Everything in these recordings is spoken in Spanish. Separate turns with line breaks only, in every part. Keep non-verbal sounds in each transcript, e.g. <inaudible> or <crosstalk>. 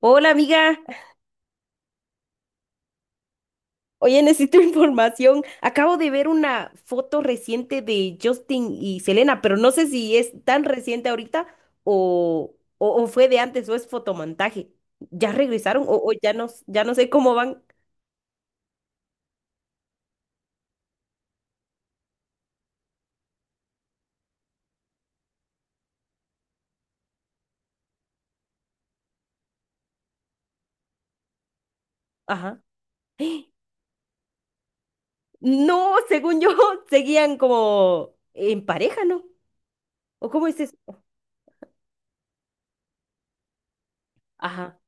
Hola amiga, oye, necesito <laughs> información. Acabo de ver una foto reciente de Justin y Selena, pero no sé si es tan reciente ahorita o fue de antes o es fotomontaje. ¿Ya regresaron o ya no, ya no sé cómo van? Ajá. <gasps> No, según yo, <laughs> seguían como en pareja, ¿no? ¿O cómo es eso? Ajá,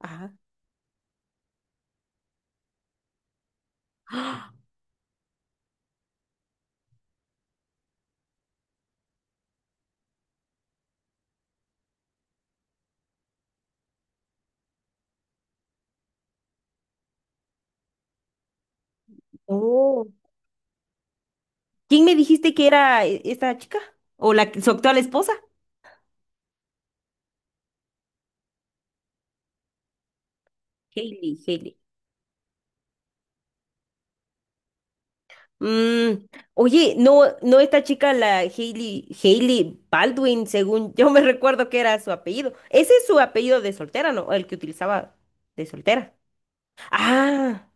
ajá. <gasps> ¡Ah! Oh. ¿Quién me dijiste que era esta chica? ¿O la, su actual esposa? Hailey, Hailey. Mm, oye, no, no esta chica, la Hailey, Hailey Baldwin, según yo me <laughs> recuerdo que era su apellido. Ese es su apellido de soltera, ¿no? El que utilizaba de soltera. Ah,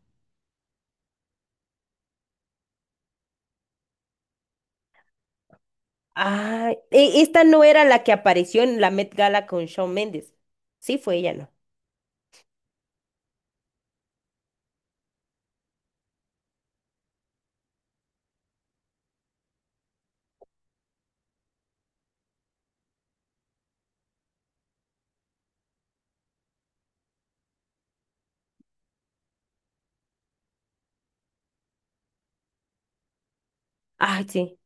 ah, esta no era la que apareció en la Met Gala con Shawn Mendes. Sí, fue ella, ¿no? Ah, sí.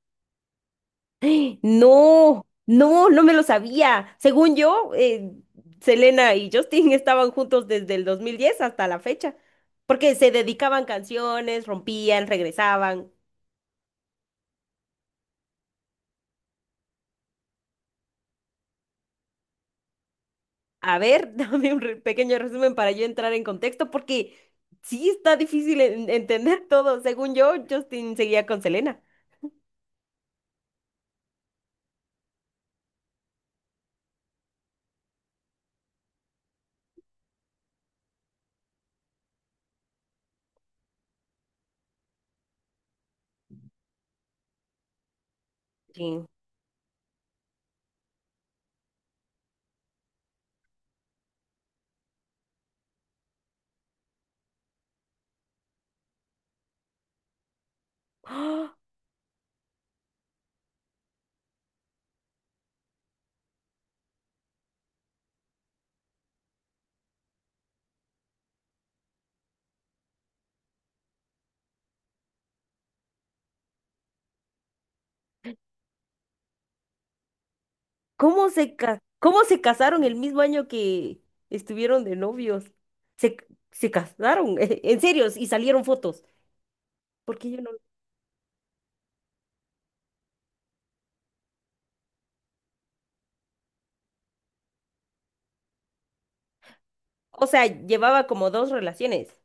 <gasps> No, no, no me lo sabía. Según yo, Selena y Justin <laughs> estaban juntos desde el 2010 hasta la fecha, porque se dedicaban canciones, rompían, regresaban. A ver, <laughs> dame un pequeño resumen para yo entrar en contexto, porque sí está difícil entender todo. Según yo, Justin seguía con Selena. Sí. ¡Ah! ¿Cómo se cómo se casaron el mismo año que estuvieron de novios? Se, se casaron, <laughs> en serio, y salieron fotos. ¿Porque yo no? O sea, llevaba como dos relaciones,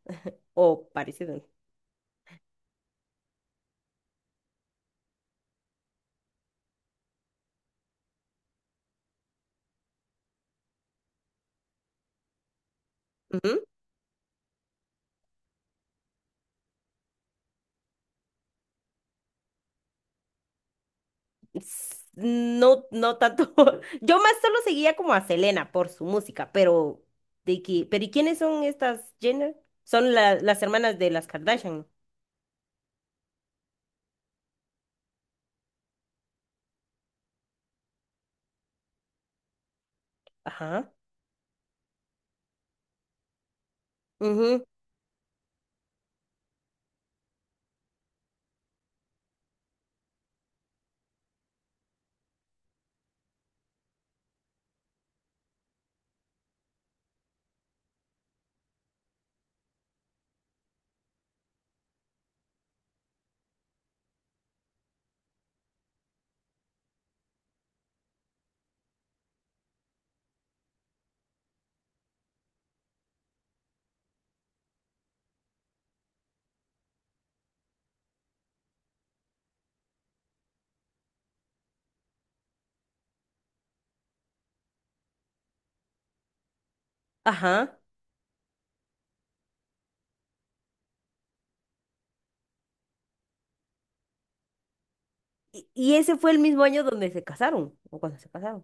o parecido. No, no tanto. <laughs> Yo más solo seguía como a Selena por su música, pero de que, pero ¿y quiénes son estas Jenner? Son las hermanas de las Kardashian. Ajá. Ujú. Ajá. Y ese fue el mismo año donde se casaron, o cuando se casaron.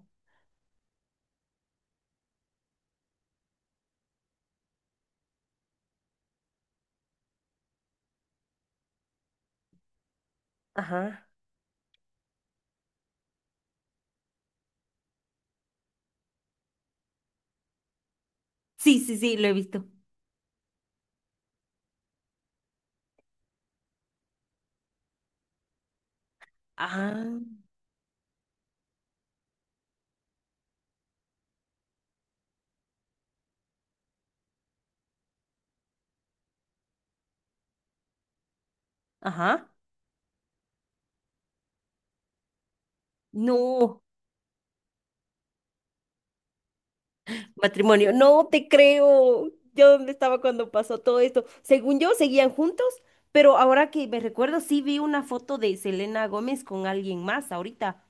Ajá. Sí, sí, sí, lo he visto. Ajá. Ajá. No. Matrimonio, no te creo. ¿Yo dónde estaba cuando pasó todo esto? Según yo, seguían juntos, pero ahora que me recuerdo, sí vi una foto de Selena Gómez con alguien más ahorita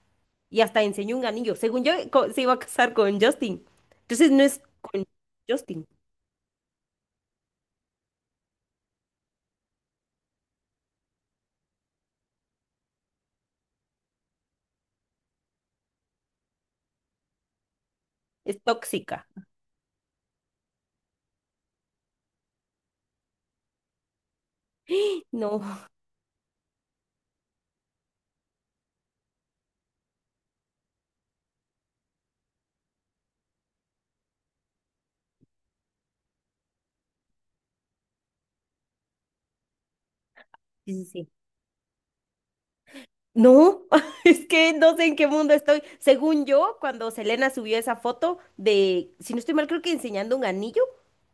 y hasta enseñó un anillo. Según yo, se iba a casar con Justin. Entonces no es con Justin, es tóxica. No, sí, sí, sí. No, <laughs> es que no sé en qué mundo estoy. Según yo, cuando Selena subió esa foto de, si no estoy mal, creo que enseñando un anillo,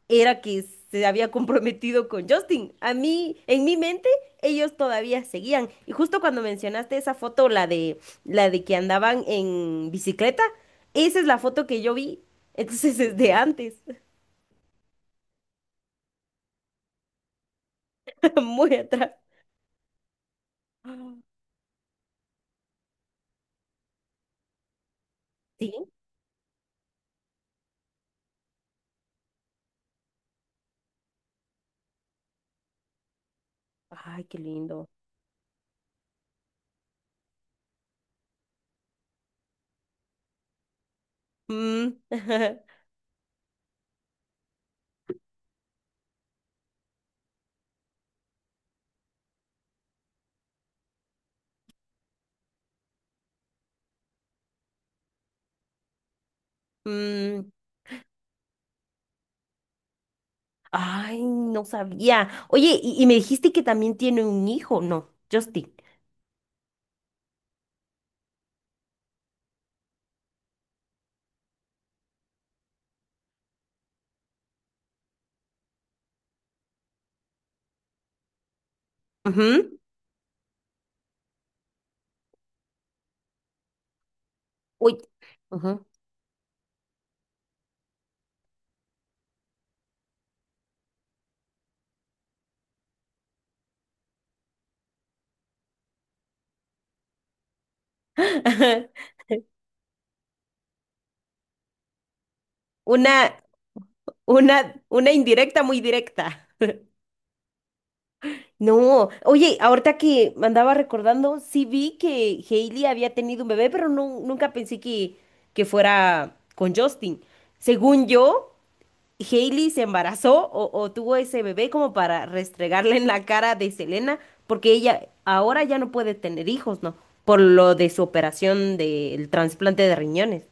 era que se había comprometido con Justin. A mí, en mi mente, ellos todavía seguían. Y justo cuando mencionaste esa foto, la de que andaban en bicicleta, esa es la foto que yo vi. Entonces es de antes, <laughs> muy atrás. <gasps> Ah. ¿Sí? Ay, qué lindo. Mm, <laughs> mm. Ay, no sabía. Oye, y me dijiste que también tiene un hijo, ¿no? Justin. Ujú. Uy. Ujú. <laughs> Una, una indirecta muy directa. No, oye, ahorita que me andaba recordando, sí vi que Hailey había tenido un bebé, pero no, nunca pensé que fuera con Justin. Según yo, Hailey se embarazó o tuvo ese bebé como para restregarle en la cara de Selena, porque ella ahora ya no puede tener hijos, ¿no? Por lo de su operación del trasplante de riñones.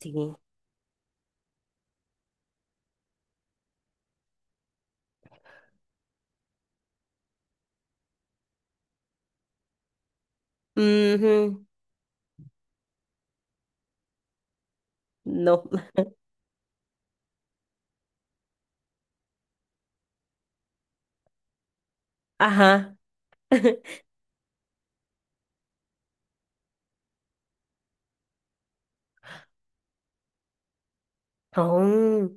Sí. Ujú. No. Ajá. <laughs> Oh.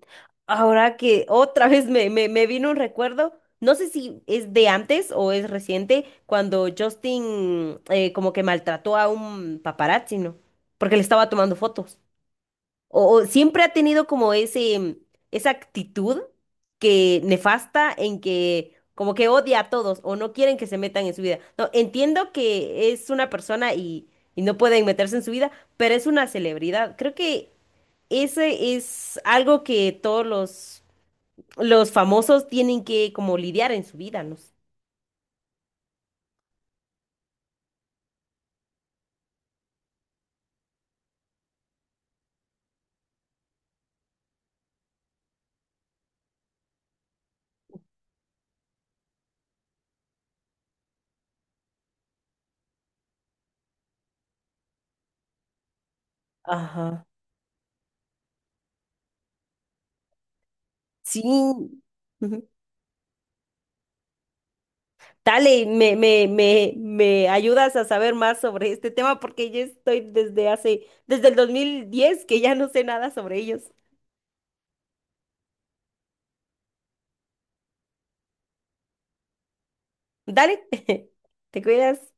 Ahora que otra vez me, me, me vino un recuerdo, no sé si es de antes o es reciente, cuando Justin como que maltrató a un paparazzi, ¿no? Porque le estaba tomando fotos. O siempre ha tenido como ese, esa actitud que nefasta en que como que odia a todos o no quieren que se metan en su vida. No, entiendo que es una persona y no pueden meterse en su vida, pero es una celebridad. Creo que ese es algo que todos los famosos tienen que como lidiar en su vida, ¿no? Ajá. Sí. Ujú. Dale, me ayudas a saber más sobre este tema porque yo estoy desde hace, desde el 2010 que ya no sé nada sobre ellos. Dale, <laughs> te cuidas.